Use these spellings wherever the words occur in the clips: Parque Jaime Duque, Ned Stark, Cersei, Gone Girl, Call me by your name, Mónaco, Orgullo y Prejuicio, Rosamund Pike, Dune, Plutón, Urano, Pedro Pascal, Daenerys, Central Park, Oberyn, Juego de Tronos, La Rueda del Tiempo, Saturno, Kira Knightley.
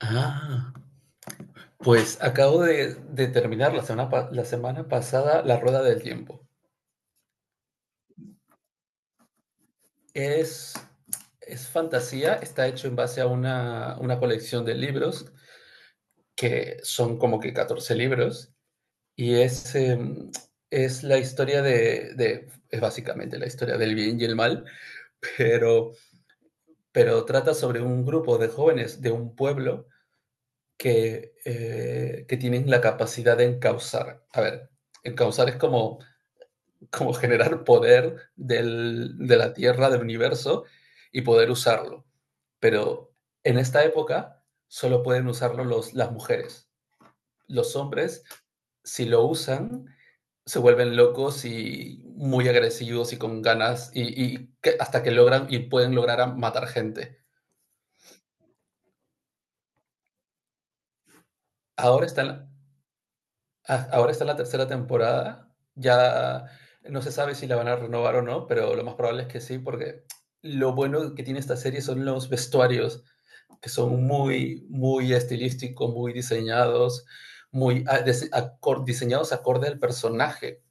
Ah, pues acabo de terminar la semana pasada La Rueda del Tiempo. Es, es fantasía, está hecho en base a una colección de libros, que son como que 14 libros, y es, es la historia es básicamente la historia del bien y el mal, pero, pero trata sobre un grupo de jóvenes de un pueblo que tienen la capacidad de encauzar. A ver, encauzar es como como generar poder de la Tierra, del universo, y poder usarlo. Pero en esta época solo pueden usarlo las mujeres. Los hombres, si lo usan, se vuelven locos y muy agresivos y con ganas, hasta que logran y pueden lograr matar gente. Ahora están Ah, ahora está en la tercera temporada. Ya no se sabe si la van a renovar o no, pero lo más probable es que sí, porque lo bueno que tiene esta serie son los vestuarios, que son muy, muy estilísticos, muy diseñados, muy a- dise- acor- diseñados acorde al personaje,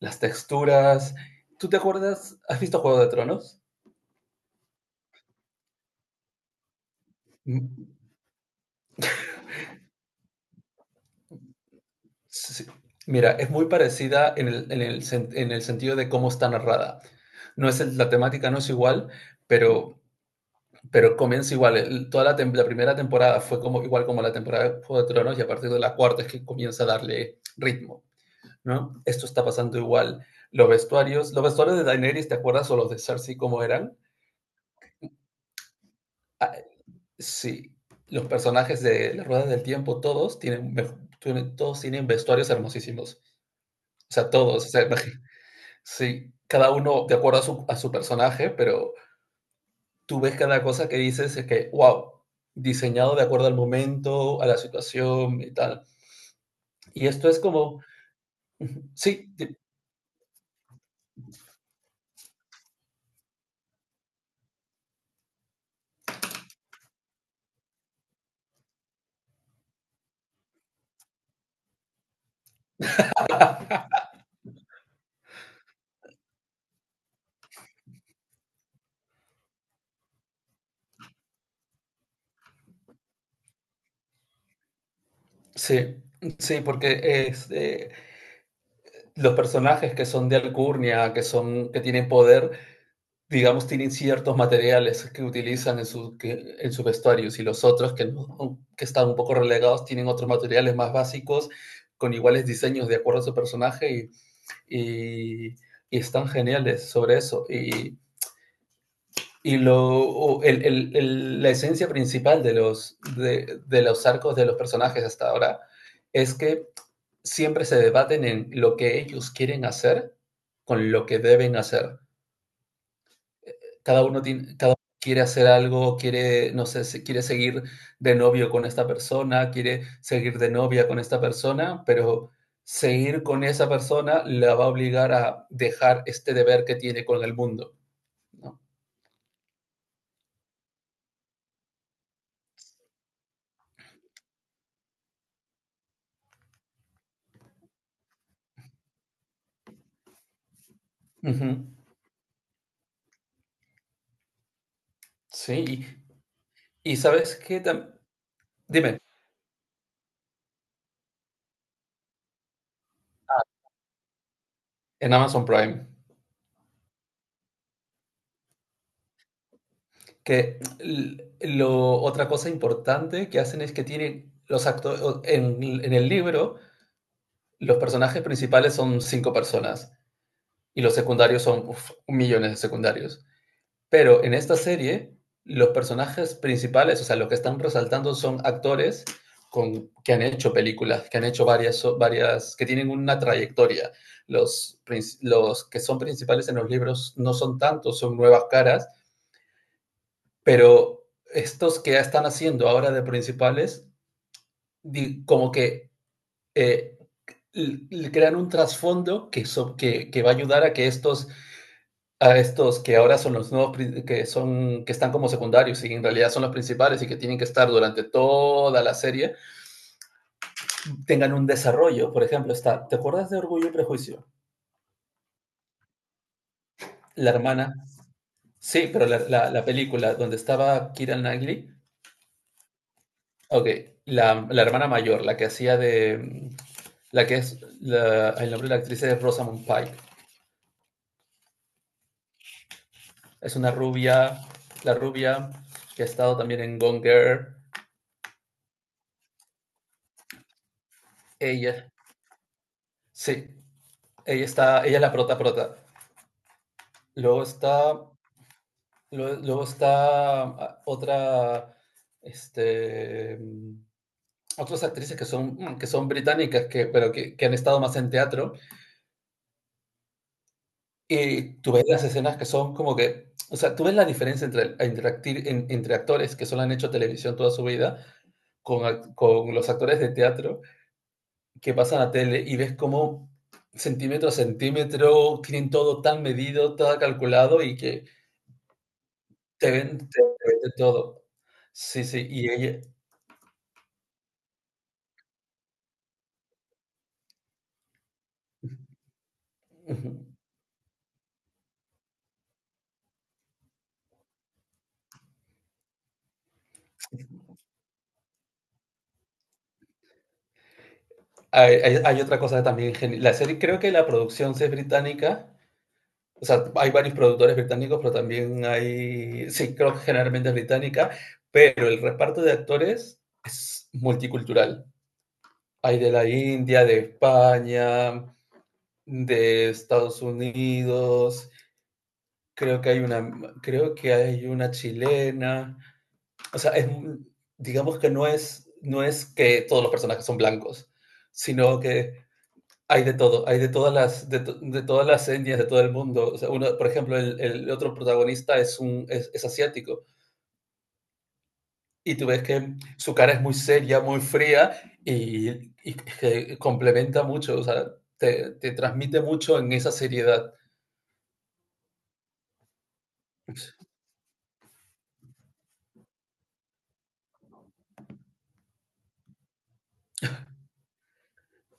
las texturas. ¿Tú te acuerdas? ¿Has visto Juego de Tronos? Mm, sí. Mira, es muy parecida en el sentido de cómo está narrada. No es el- La temática no es igual, pero pero comienza igual, la primera temporada fue como, igual como la temporada de Juego de Tronos y a partir de la cuarta es que comienza a darle ritmo, ¿no? Esto está pasando igual. Los vestuarios de Daenerys, ¿te acuerdas? O los de Cersei, ¿cómo eran? Ah, sí, los personajes de las Ruedas del Tiempo, todos tienen, todos tienen vestuarios hermosísimos. O sea, todos, o sea, sí, cada uno de acuerdo a a su personaje, pero tú ves cada cosa que dices es que, wow, diseñado de acuerdo al momento, a la situación y tal. Y esto es como, sí, sí, sí, porque es, los personajes que son de alcurnia, que tienen poder, digamos, tienen ciertos materiales que utilizan en sus vestuarios y si los otros que, no, que están un poco relegados tienen otros materiales más básicos con iguales diseños de acuerdo a su personaje y, y, y están geniales sobre eso. Y, Y lo, la esencia principal de de los arcos de los personajes hasta ahora es que siempre se debaten en lo que ellos quieren hacer con lo que deben hacer. Cada uno tiene, cada uno quiere hacer algo, quiere, no sé, quiere seguir de novio con esta persona, quiere seguir de novia con esta persona, pero seguir con esa persona la va a obligar a dejar este deber que tiene con el mundo, ¿no? Ujú. Sí, Y sabes qué tam dime. Ah, en Amazon Prime. Que l Lo otra cosa importante que hacen es que tienen los actores en el libro, los personajes principales son 5 personas y los secundarios son, uf, millones de secundarios. Pero en esta serie, los personajes principales, o sea, lo que están resaltando son actores que han hecho películas, que han hecho varias, so, varias, que tienen una trayectoria. Los, los que son principales en los libros no son tantos, son nuevas caras, pero estos que ya están haciendo ahora de principales, como que eh, crean un trasfondo que va a ayudar a que estos a estos que ahora son los nuevos, que están como secundarios y en realidad son los principales y que tienen que estar durante toda la serie, tengan un desarrollo. Por ejemplo, está, ¿te acuerdas de Orgullo y Prejuicio? La hermana, sí, pero la película donde estaba Kira Knightley, ok, la hermana mayor, la que hacía de, la que es, la- el nombre de la actriz es Rosamund Pike, es una rubia, la rubia que ha estado también en Gone Girl, ella, sí, ella está, ella es la prota prota. Luego está, luego está ah, otra, este, mm, otras actrices que son, que son británicas, que han estado más en teatro, y tú ves las escenas que son como que, o sea, tú ves la diferencia entre, el- entre, acti- en- entre actores que solo han hecho televisión toda su vida, con los actores de teatro que pasan a tele y ves cómo centímetro a centímetro tienen todo tan medido, todo calculado y que te ven, te venden todo. Sí, sí, y ella, Ujú. Hay otra cosa también La serie, creo que la producción sí es británica. O sea, hay varios productores británicos, pero también hay, sí, creo que generalmente es británica, pero el reparto de actores es multicultural. Hay de la India, de España, de Estados Unidos, creo que hay una, creo que hay una chilena. O sea, es, digamos que no es, no es que todos los personajes son blancos, sino que Hay de todo, hay de todas las, de todas las etnias, de todo el mundo. O sea, uno, por ejemplo, el otro protagonista es asiático y tú ves que su cara es muy seria, muy fría y que complementa mucho, o sea, te transmite mucho en esa seriedad.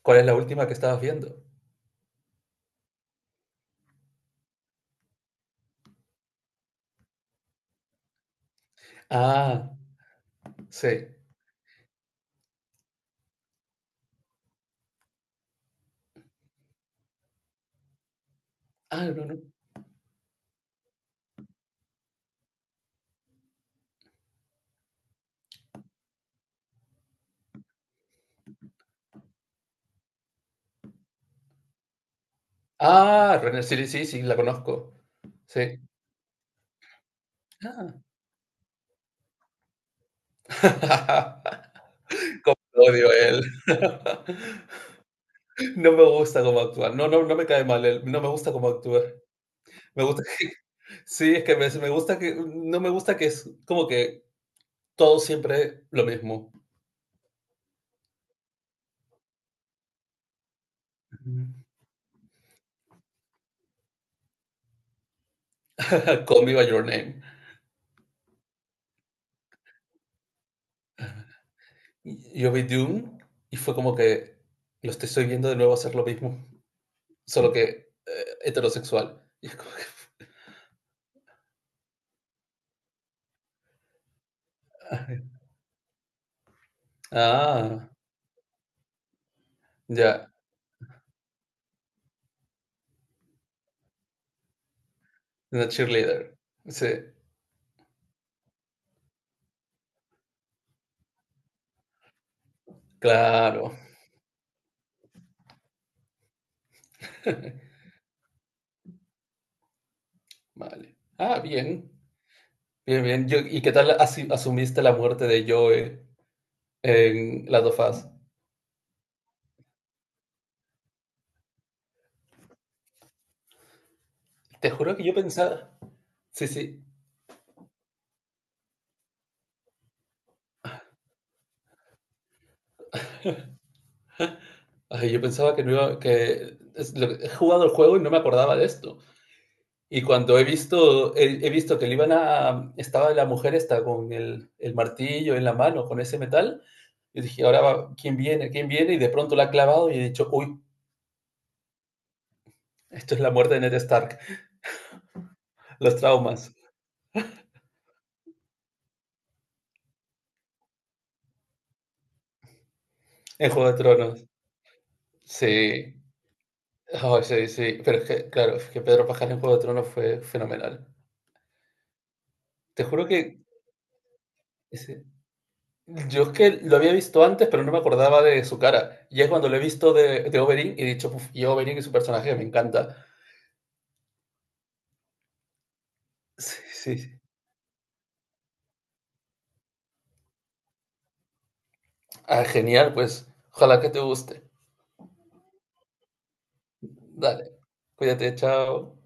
¿Cuál es la última que estabas viendo? Ah, sí. Ah, no, no. Ah, René, sí, sí, sí, la conozco. Sí. Ah. Cómo lo odio a él. No me gusta cómo actuar No, no, no me cae mal. Él. No me gusta cómo actúa. Me gusta. Sí, es que me gusta que. No me gusta que es como que todo siempre lo mismo. Call me by your name. Yo vi Dune y fue como que lo estoy viendo de nuevo hacer lo mismo, solo que heterosexual. Y es como que. Ah, ya. Una cheerleader. Sí, claro. Vale. Ah, bien. Bien, bien. ¿Y qué tal asumiste la muerte de Joe? En las dos fases. Te juro que yo pensaba, sí, sí, Ay, yo pensaba que no iba, he jugado el juego y no me acordaba de esto. Y cuando he visto, he visto que le iban a, estaba la mujer esta con el martillo en la mano, con ese metal, y dije, ¿quién viene? ¿Quién viene? Y de pronto la ha clavado y he dicho, uy, esto es la muerte de Ned Stark, los traumas en Juego de Tronos. Sí, ay, sí, sí, pero es que, claro, es que Pedro Pascal en Juego de Tronos fue fenomenal. Te juro que... Yo es que lo había visto antes, pero no me acordaba de su cara. Y es cuando lo he visto de Oberyn y he dicho, "Uf, y Oberyn y su personaje me encanta". Sí, sí. Sí. Ah, genial, pues ojalá que te guste. Dale, cuídate, chao.